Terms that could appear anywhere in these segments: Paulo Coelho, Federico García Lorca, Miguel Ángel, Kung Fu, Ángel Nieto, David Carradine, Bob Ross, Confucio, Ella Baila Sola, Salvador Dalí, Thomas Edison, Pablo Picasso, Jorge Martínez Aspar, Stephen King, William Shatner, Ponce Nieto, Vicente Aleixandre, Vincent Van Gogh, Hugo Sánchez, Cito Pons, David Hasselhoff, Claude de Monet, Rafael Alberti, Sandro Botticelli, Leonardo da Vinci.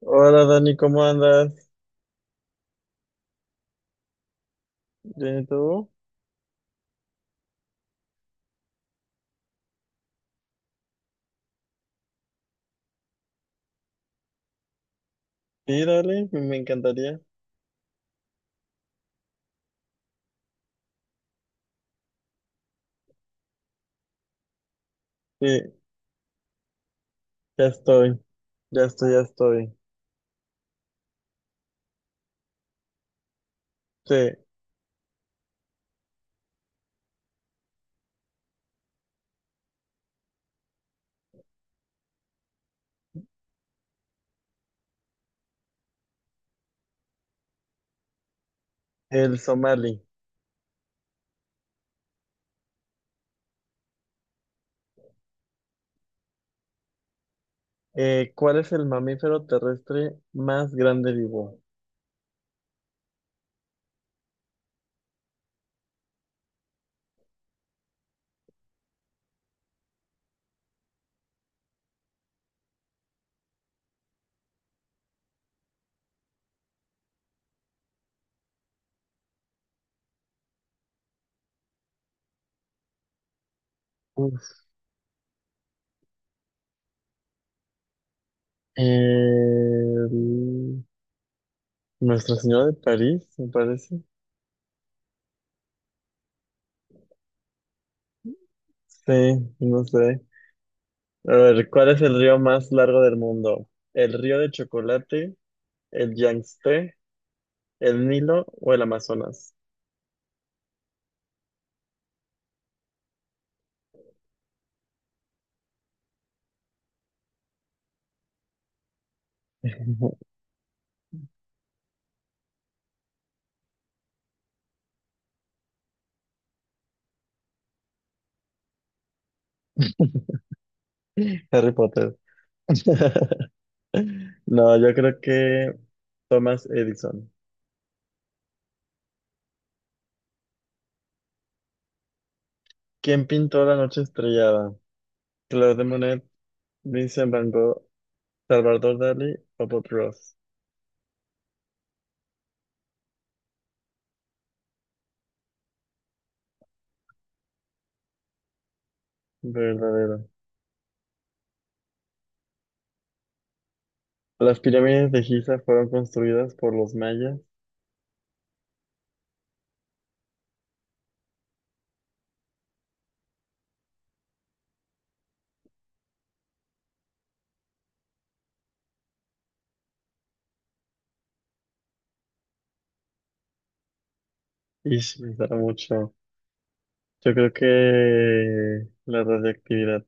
Hola Dani, ¿cómo andas? ¿Bien y tú? Sí, dale, me encantaría. Sí, ya estoy, ya estoy. Sí, el Somali. ¿Cuál es el mamífero terrestre más grande vivo? Uf, el- Nuestra Señora de París, me parece. Sí, no sé. A ver, ¿cuál es el río más largo del mundo? ¿El río de chocolate, el Yangtze, el Nilo o el Amazonas? Harry Potter. No, yo creo que Thomas Edison. ¿Quién pintó la noche estrellada? Claude de Monet, Vincent Van Gogh, Salvador Dalí o Bob Ross. Verdadero. Las pirámides de Giza fueron construidas por los mayas. Y me da mucho. Yo creo que la radioactividad.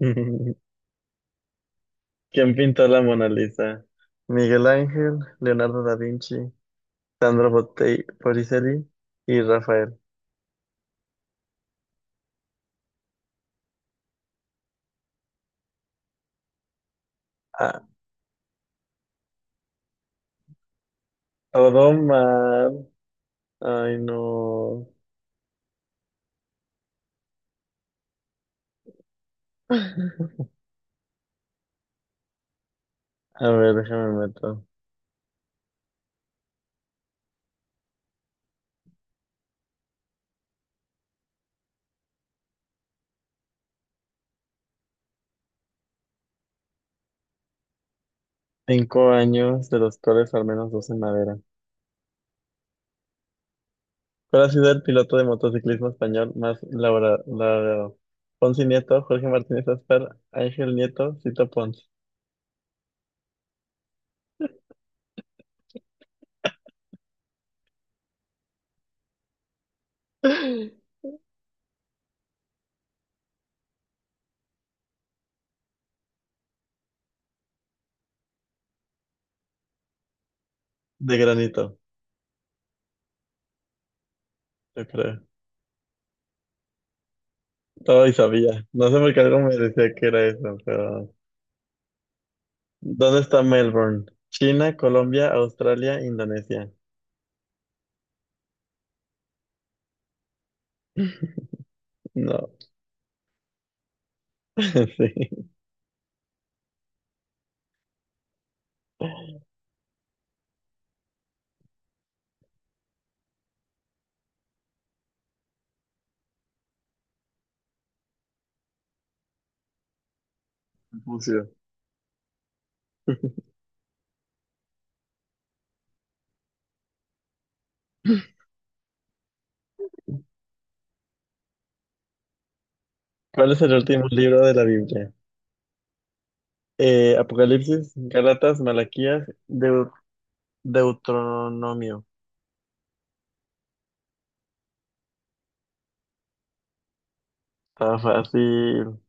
¿Quién pintó la Mona Lisa? Miguel Ángel, Leonardo da Vinci, Botticelli y Rafael. Ah, todo mal. Ay, no. A ver, déjame meto. Cinco años, de los cuales al menos dos en madera. ¿Cuál ha sido el piloto de motociclismo español más laureado? Ponce Nieto, Jorge Martínez Aspar, Ángel Nieto, Cito Pons. De granito, yo creo. Todo y sabía. No sé por qué algo me decía que era eso, pero... ¿Dónde está Melbourne? China, Colombia, Australia, Indonesia. No, sí. Confucio. ¿Cuál es el último libro de la Biblia? Apocalipsis, Gálatas, Malaquías, Deuteronomio. Está fácil,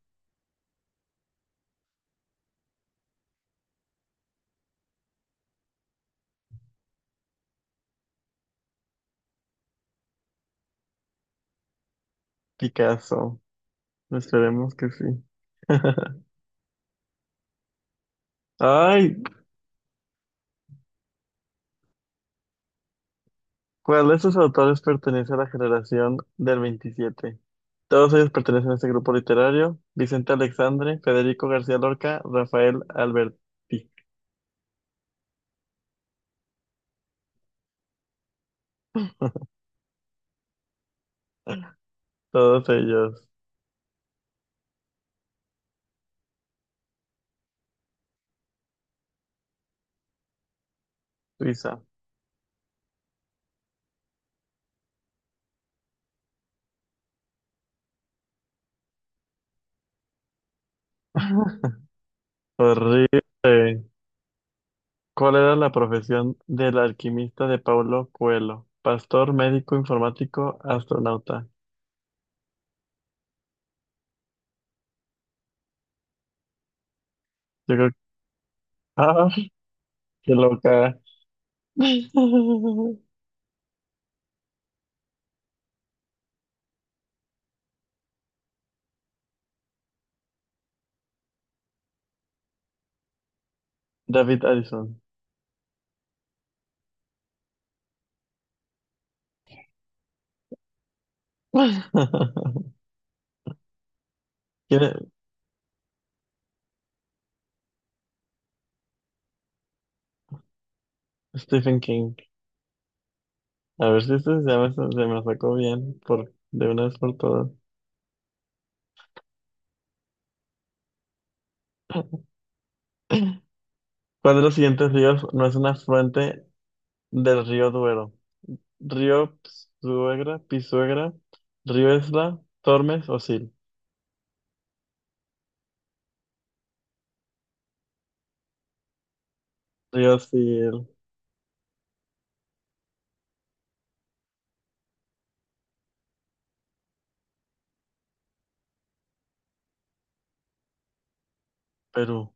Picasso. Esperemos que sí. Ay, ¿cuál de estos autores pertenece a la generación del 27? Todos ellos pertenecen a este grupo literario. Vicente Alexandre, Federico García Lorca, Rafael Alberti. Todos ellos, Suiza. Horrible. ¿Cuál era la profesión del alquimista de Paulo Coelho? Pastor, médico, informático, astronauta. Yo creo que... ¡Ah! ¡Qué loca! David Addison. ¿Quién es? Stephen King. A ver si este ya me, se me lo sacó bien por, de una vez por todas. ¿Cuál de los siguientes ríos no es un afluente del río Duero? Río Suegra, Pisuegra, Río Esla, Tormes o Sil. Río Sil, Perú.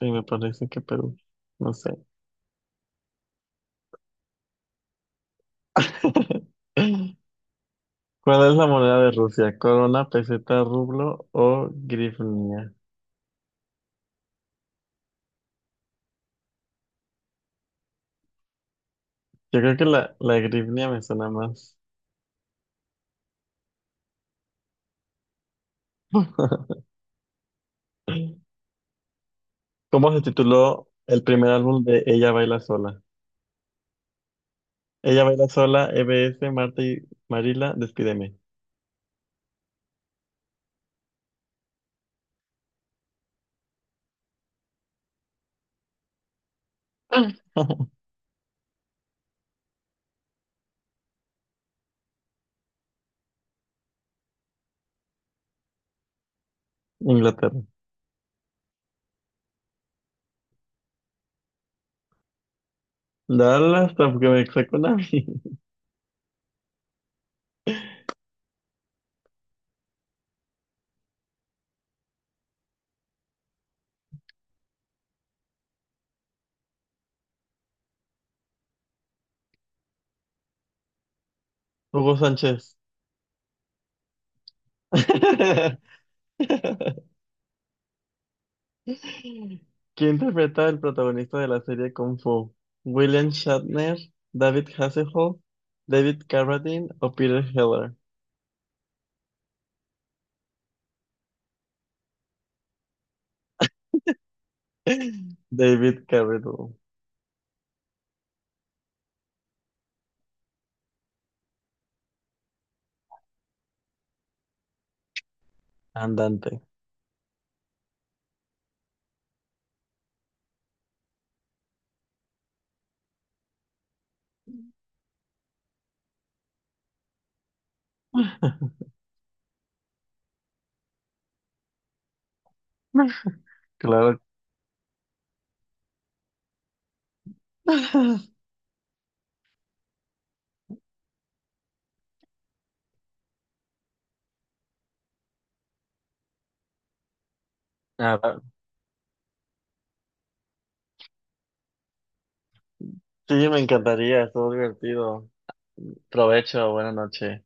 Sí, me parece que Perú. No sé. ¿Cuál es la moneda de Rusia? ¿Corona, peseta, rublo o grivnia? Yo creo que la grivnia me suena más. ¿Cómo se tituló el primer álbum de Ella Baila Sola? Ella Baila Sola, EBS, Marta y Marila, Despídeme. Inglaterra. Dale hasta porque me saco una. Hugo Sánchez. ¿Quién interpreta al protagonista de la serie Kung Fu? ¿William Shatner, David Hasselhoff, David Carradine o Peter Heller? David Carradine, andante. Claro. Ah, sí, me encantaría, estuvo divertido. Provecho, buena noche.